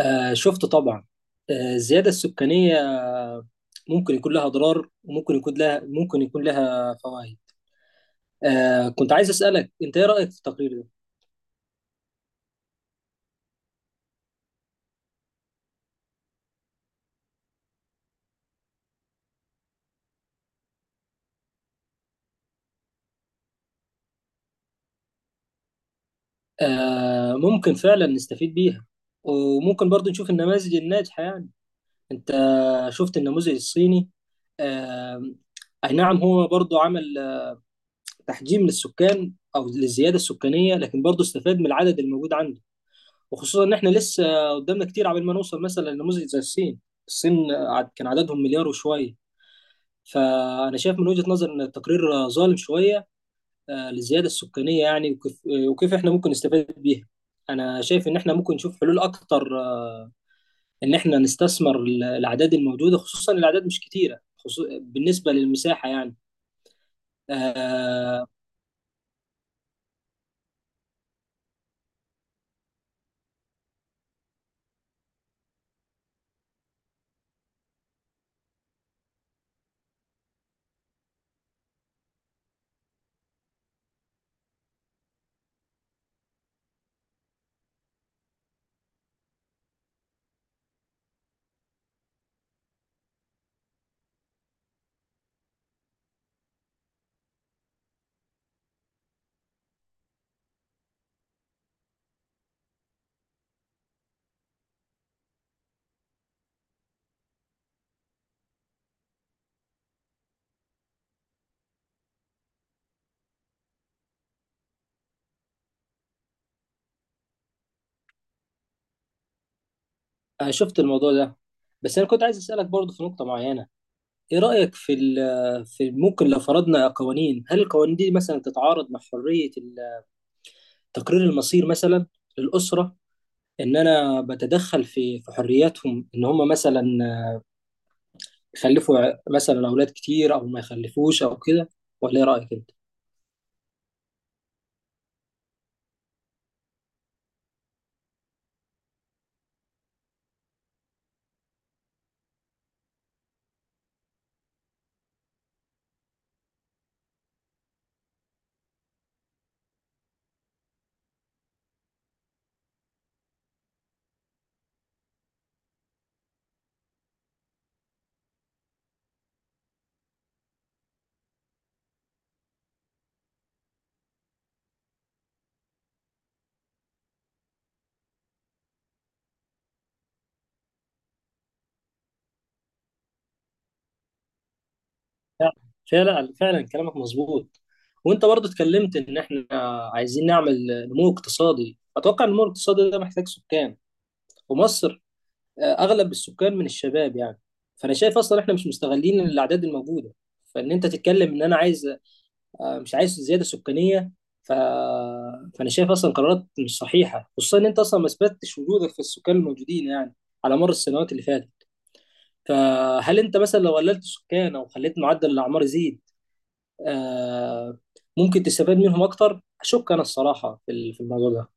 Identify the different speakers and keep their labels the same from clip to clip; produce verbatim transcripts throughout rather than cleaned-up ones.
Speaker 1: آه، شفت طبعا. آه الزيادة السكانية ممكن يكون لها أضرار، وممكن يكون لها ممكن يكون لها فوائد. آه كنت عايز أسألك، أنت إيه رأيك في التقرير ده؟ آه ممكن فعلا نستفيد بيها، وممكن برضو نشوف النماذج الناجحة يعني. أنت شفت النموذج الصيني؟ آه. أي نعم، هو برضو عمل آه، تحجيم للسكان أو للزيادة السكانية، لكن برضو استفاد من العدد الموجود عنده. وخصوصا ان احنا لسه قدامنا كتير عبال ما نوصل مثلا لنموذج زي الصين. الصين عد- كان عددهم مليار وشويه. فانا شايف من وجهة نظر ان التقرير ظالم شويه آه، للزياده السكانيه يعني. وكيف وكيف احنا ممكن نستفاد بيها. انا شايف ان احنا ممكن نشوف حلول اكتر، آه، ان احنا نستثمر ال- الاعداد الموجوده، خصوصا الاعداد مش كتيره خصو- بالنسبه للمساحه يعني. آه، انا شفت الموضوع ده. بس انا كنت عايز اسالك برضه في نقطه معينه، ايه رأيك في ال- في ممكن لو فرضنا قوانين؟ هل القوانين دي مثلا تتعارض مع حرية ال- تقرير المصير مثلا للأسرة؟ ان انا بتدخل في في حرياتهم، ان هم مثلا يخلفوا ع- مثلا اولاد كتير او ما يخلفوش او كده؟ ولا ايه رأيك انت؟ فعلا فعلا كلامك مظبوط. وانت برضو اتكلمت ان احنا عايزين نعمل نمو اقتصادي، اتوقع النمو الاقتصادي ده محتاج سكان. ومصر اغلب السكان من الشباب يعني. فانا شايف اصلا احنا مش مستغلين الاعداد الموجوده. فان انت تتكلم ان انا عايز، آه، مش عايز زياده سكانيه. ف... فانا شايف اصلا قرارات مش صحيحه، خصوصا ان انت اصلا ما اثبتتش وجودك في السكان الموجودين يعني، على مر السنوات اللي فاتت. فهل انت مثلا لو قللت السكان او خليت معدل الاعمار يزيد آه، ممكن تستفاد منهم اكتر؟ اشك انا الصراحه في ال- في الموضوع ده.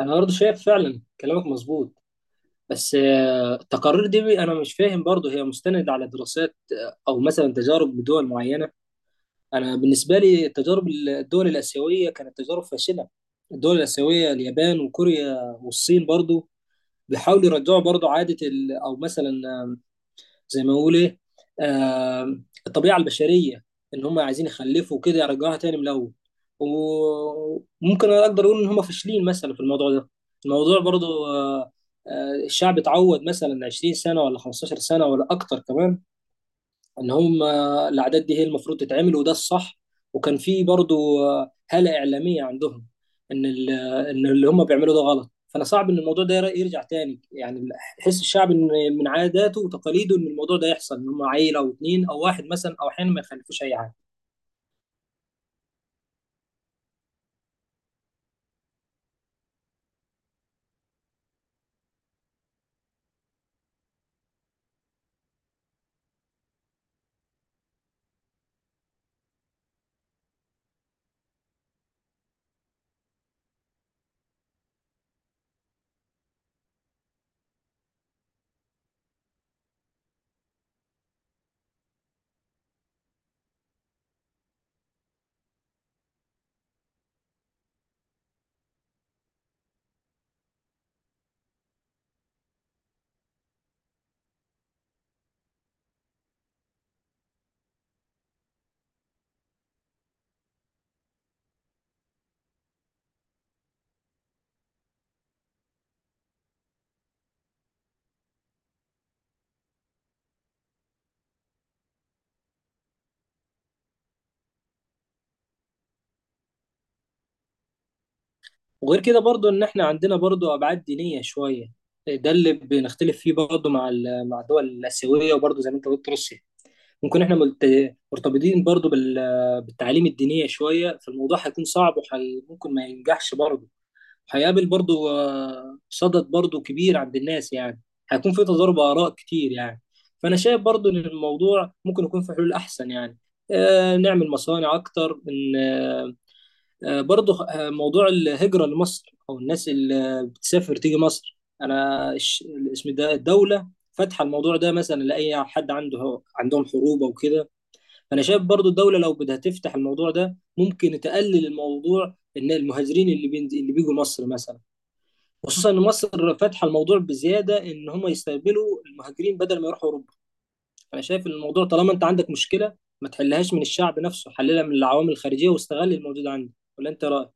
Speaker 1: انا برضه شايف فعلا كلامك مظبوط. بس آه، التقارير دي انا مش فاهم برضه هي مستند على دراسات آه، او مثلا تجارب بدول معينه. انا بالنسبه لي تجارب الدول الاسيويه كانت تجارب فاشله. الدول الاسيويه اليابان وكوريا والصين برضه بيحاولوا يرجعوا برضه عاده ال- او مثلا آه، زي ما نقول ايه آه، الطبيعه البشريه، ان هم عايزين يخلفوا كده يرجعوها تاني من الاول. وممكن أنا اقدر اقول ان هم فاشلين مثلا في الموضوع ده. الموضوع برضو آه، آه، الشعب اتعود مثلا عشرين سنه ولا خمسة عشر سنه ولا اكتر كمان، ان هم الاعداد دي هي المفروض تتعمل وده الصح. وكان في برضو هاله اعلاميه عندهم ان ال- ان اللي هم بيعملوا ده غلط. فانا صعب ان الموضوع ده ير- يرجع تاني يعني. حس الشعب ان من عاداته وتقاليده ان الموضوع ده يحصل، ان هم عيله او اتنين او واحد مثلا، او احيانا ما يخلفوش اي حاجه. وغير كده برضو ان احنا عندنا برضو ابعاد دينيه شويه. ده اللي بنختلف فيه برضو مع ال- مع الدول الاسيويه، وبرضو زي ما انت قلت روسيا. ممكن احنا ملت- مرتبطين برضو بال- بالتعاليم الدينية شوية، فالموضوع هيكون صعب وممكن ما ينجحش برضو. هيقابل برضو آه، صدد برضو كبير عند الناس يعني. هيكون في تضارب آراء كتير يعني. فأنا شايف برضو إن الموضوع ممكن يكون في حلول أحسن يعني. آه، نعمل مصانع أكتر، إن آه، آه، برضو آه، موضوع الهجرة لمصر أو الناس اللي بتسافر تيجي مصر، أنا الش- الاسم ده الدولة فاتحة الموضوع ده مثلا لأي حد عنده عندهم حروب أو كده. فانا شايف برضو الدوله لو بدها تفتح الموضوع ده ممكن تقلل الموضوع، ان المهاجرين اللي بين اللي بيجوا مصر مثلا، خصوصا ان مصر فاتحه الموضوع بزياده، ان هم يستقبلوا المهاجرين بدل ما يروحوا اوروبا. انا شايف إن الموضوع طالما انت عندك مشكله، ما تحلهاش من الشعب نفسه، حللها من العوامل الخارجيه واستغل الموجود عندك. ولا انت رايك؟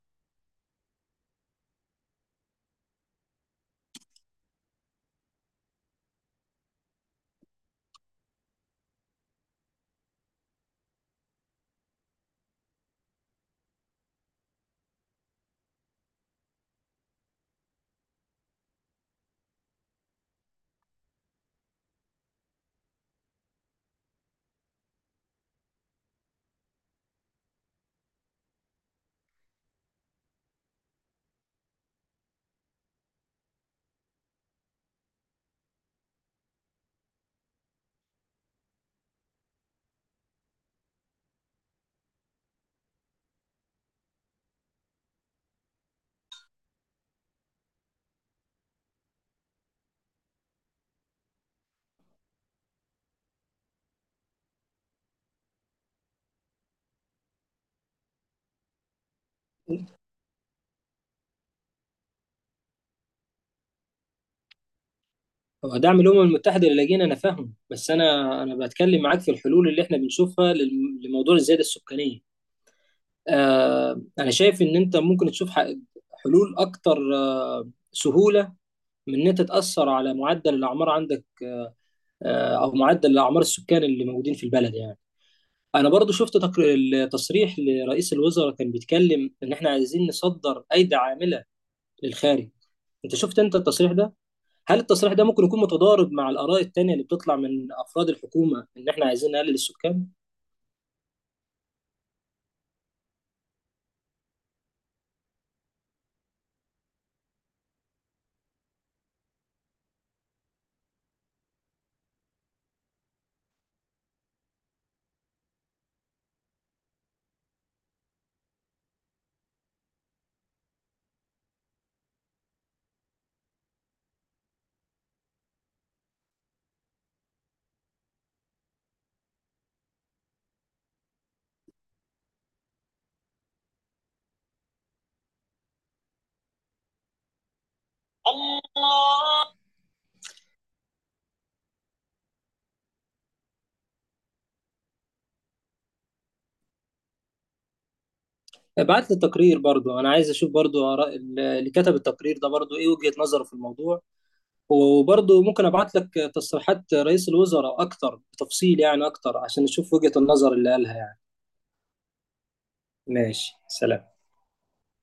Speaker 1: هو دعم الامم المتحده اللي لاجئين انا فاهم، بس انا انا بتكلم معاك في الحلول اللي احنا بنشوفها للم- لموضوع الزياده السكانيه. آه انا شايف ان انت ممكن تشوف ح- حلول اكتر آه سهوله، من ان انت تاثر على معدل الاعمار عندك، آه او معدل الاعمار السكان اللي موجودين في البلد يعني. انا برضو شفت تقر- التصريح لرئيس الوزراء، كان بيتكلم ان احنا عايزين نصدر ايدي عامله للخارج. انت شفت انت التصريح ده؟ هل التصريح ده ممكن يكون متضارب مع الاراء التانية اللي بتطلع من افراد الحكومه ان احنا عايزين نقلل السكان؟ الله. ابعت لي التقرير برضو، انا عايز اشوف برضو اراء ال- اللي كتب التقرير ده برضو ايه وجهة نظره في الموضوع. وبرضو ممكن ابعت لك تصريحات رئيس الوزراء اكتر بتفصيل يعني اكتر، عشان نشوف وجهة النظر اللي قالها يعني. ماشي، سلام.